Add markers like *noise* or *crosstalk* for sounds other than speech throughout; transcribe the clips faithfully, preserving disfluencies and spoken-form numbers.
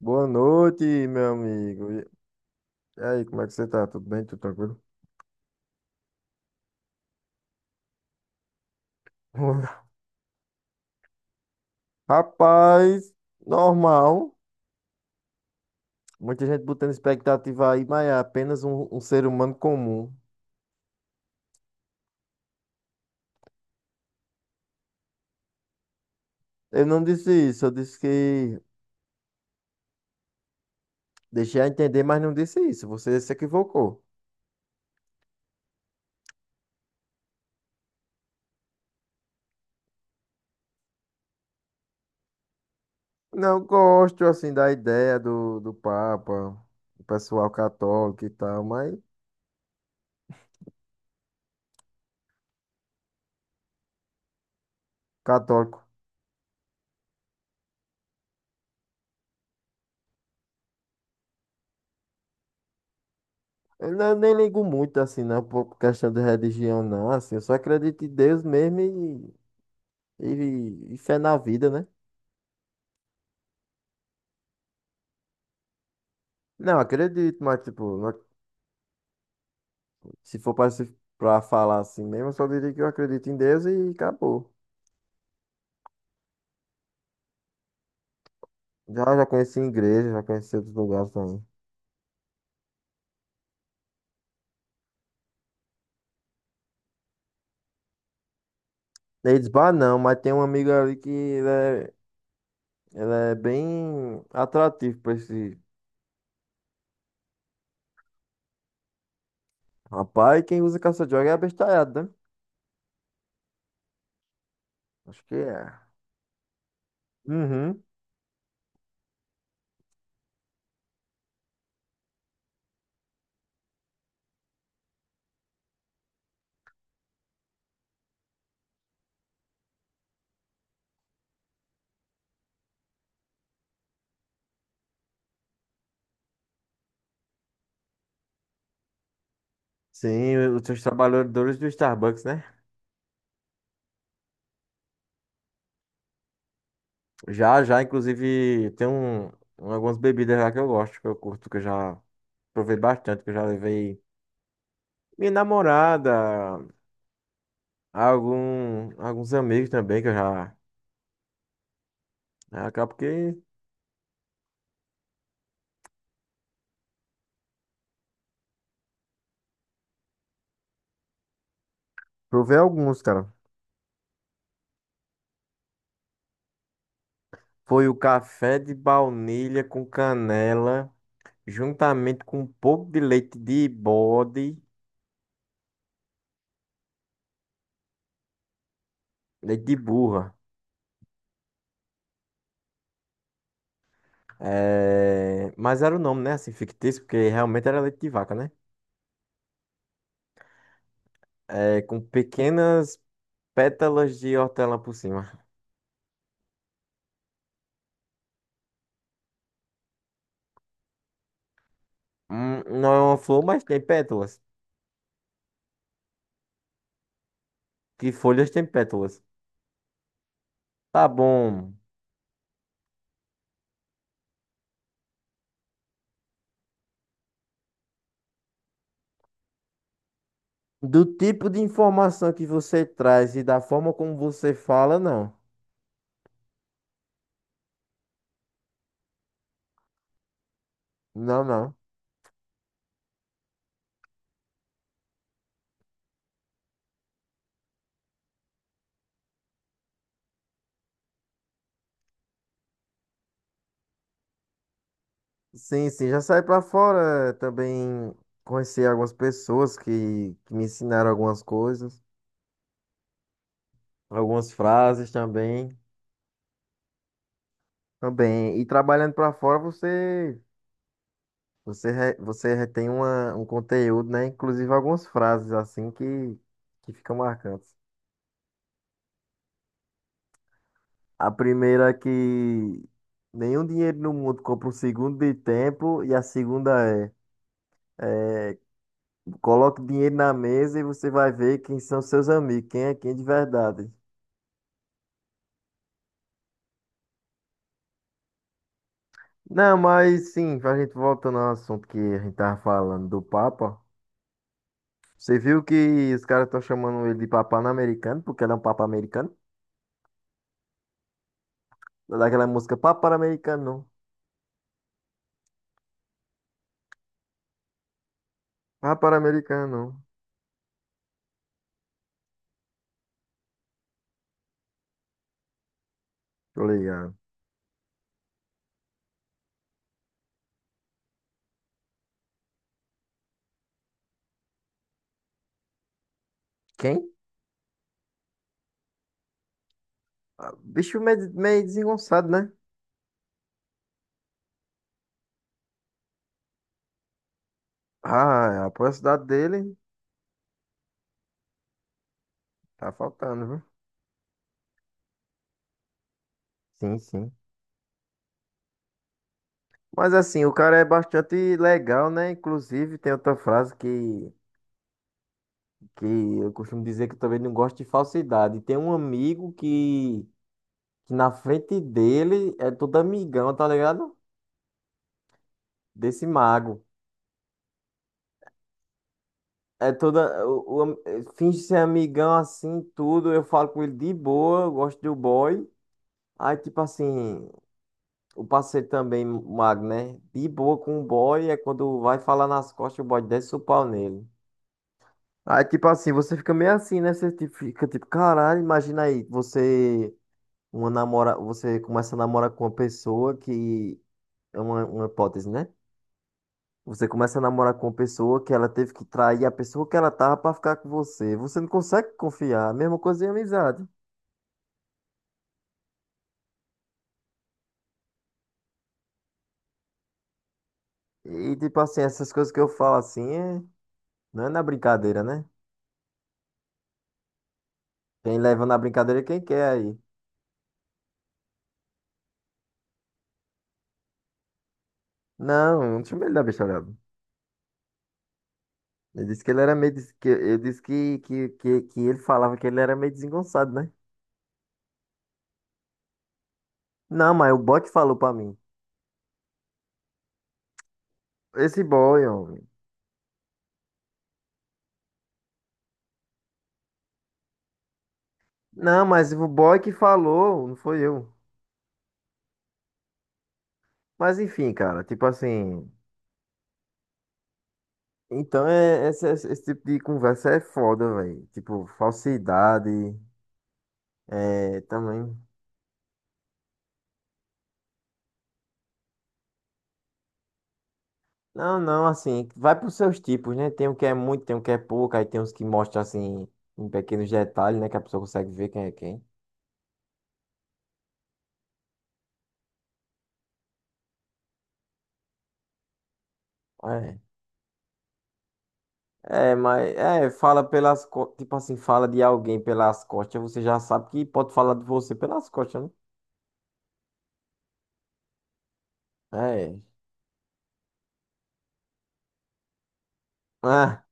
Boa noite, meu amigo. E e aí, como é que você tá? Tudo bem? Tudo tranquilo? *laughs* Rapaz, normal. Muita gente botando expectativa aí, mas é apenas um, um ser humano comum. Eu não disse isso, eu disse que deixei a entender, mas não disse isso. Você se equivocou. Não gosto, assim, da ideia do, do Papa, do pessoal católico e tal, mas católico. Eu não- Nem ligo muito, assim, não, por questão de religião, não, assim. Eu só acredito em Deus mesmo. E, e fé na vida, né? Não, acredito, mas tipo, não ac- se for pra, se- pra falar assim mesmo, eu só diria que eu acredito em Deus e acabou. Já, já conheci igreja, já conheci outros lugares também. Eles, bah, não, mas tem um amigo ali que ele é, ele é bem atrativo pra esse rapaz. Quem usa caça-droga é abestalhado, né? Acho que é. Uhum. Sim, os seus trabalhadores do Starbucks, né? Já, já, inclusive, tem um, um- algumas bebidas lá que eu gosto, que eu curto, que eu já provei bastante, que eu já levei minha namorada, algum, alguns amigos também, que eu já, né. Acabo que provei alguns, cara. Foi o café de baunilha com canela, juntamente com um pouco de leite de bode, leite de burra. É, mas era o nome, né? Assim, fictício, porque realmente era leite de vaca, né? É, com pequenas pétalas de hortelã por cima. Hum, não é uma flor, mas tem pétalas. Que folhas tem pétalas. Tá bom. Do tipo de informação que você traz e da forma como você fala, não. Não, não. Sim, sim, já saí pra fora. eh, Também conheci algumas pessoas que, que me ensinaram algumas coisas, algumas frases também. Também. E trabalhando pra fora, você você re- você retém uma, um conteúdo, né? Inclusive algumas frases assim que que ficam marcantes. A primeira é que nenhum dinheiro no mundo compra um segundo de tempo. E a segunda é, é coloque dinheiro na mesa e você vai ver quem são seus amigos, quem é quem de verdade. Não, mas sim, a gente voltando ao assunto que a gente tava falando do Papa. Você viu que os caras estão chamando ele de Papa americano, porque ele é um Papa americano? Daquela música Papa americano. Papa americano. Tô ligado. Quem? Ah, bicho meio, meio desengonçado, né? Ah, é a cidade dele. Tá faltando, viu? Sim, sim. Mas assim, o cara é bastante legal, né? Inclusive, tem outra frase que, que eu costumo dizer que eu também não gosto de falsidade. Tem um amigo que, que na frente dele é todo amigão, tá ligado? Desse mago. É toda. O, o am- eh, finge ser amigão assim, tudo. Eu falo com ele de boa, eu gosto do boy. Aí, tipo assim, o parceiro também, mago, né? De boa com o boy é quando vai falar nas costas, o boy desce o pau nele. Aí, tipo assim, você fica meio assim, né? Você tipo, fica tipo, caralho, imagina aí, você uma namora, você começa a namorar com uma pessoa que é uma, uma hipótese, né? Você começa a namorar com uma pessoa que ela teve que trair a pessoa que ela tava pra ficar com você. Você não consegue confiar. A mesma coisa em amizade. E tipo assim, essas coisas que eu falo assim, é- não é na brincadeira, né? Quem leva na brincadeira é quem quer aí. Não, eu não chamei ele da bicharada. Ele disse que ele era meio. des- que- Ele disse que, que, que, que ele falava que ele era meio desengonçado, né? Não, mas o boy que falou pra mim. Esse boy, homem. Não, mas o boy que falou, não foi eu. Mas enfim, cara, tipo assim. Então, é, esse, esse- esse tipo de conversa é foda, velho. Tipo, falsidade, é, também. Não, não, assim, vai pros seus tipos, né? Tem o que é muito, tem o que é pouco, aí tem uns que mostram, assim, em pequenos detalhes, né? Que a pessoa consegue ver quem é quem. É. É, mas, é, fala pelas, co- tipo assim, fala de alguém pelas costas, você já sabe que pode falar de você pelas costas, né? É. Ah,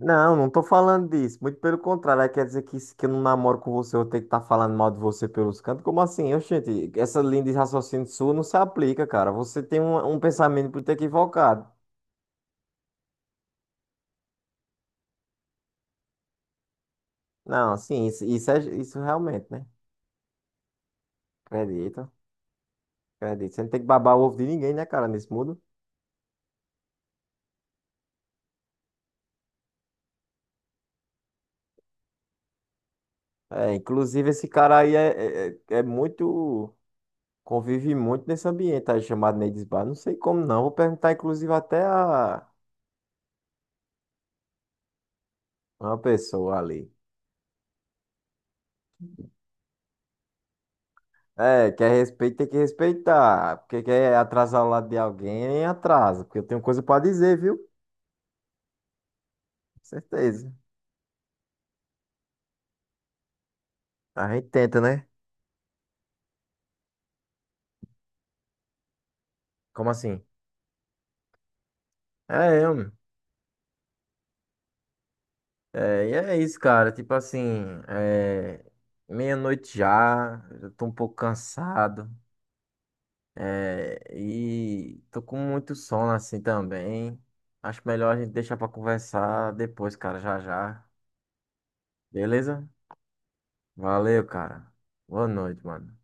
não, não tô falando disso. Muito pelo contrário, aí quer dizer que se que eu não namoro com você, eu tenho que estar falando mal de você pelos cantos. Como assim? Oxente, essa linha de raciocínio sua não se aplica, cara. Você tem um, um pensamento muito equivocado. Não, sim, isso, isso é isso realmente, né? Acredito, acredito. Você não tem que babar o ovo de ninguém, né, cara, nesse mundo. É, inclusive, esse cara aí é, é, é é muito. Convive muito nesse ambiente aí chamado Neides Bar. Não sei como não. Vou perguntar, inclusive, até a uma pessoa ali. É, quer respeito, tem que respeitar. Porque quer atrasar o lado de alguém, atrasa. Porque eu tenho coisa pra dizer, viu? Certeza. A gente tenta, né? Como assim? É, eu, meu. É, e é isso, cara. Tipo assim, é, meia-noite já, eu tô um pouco cansado. É, e tô com muito sono assim também. Acho melhor a gente deixar pra conversar depois, cara, já já. Beleza? Valeu, cara. Boa noite, mano.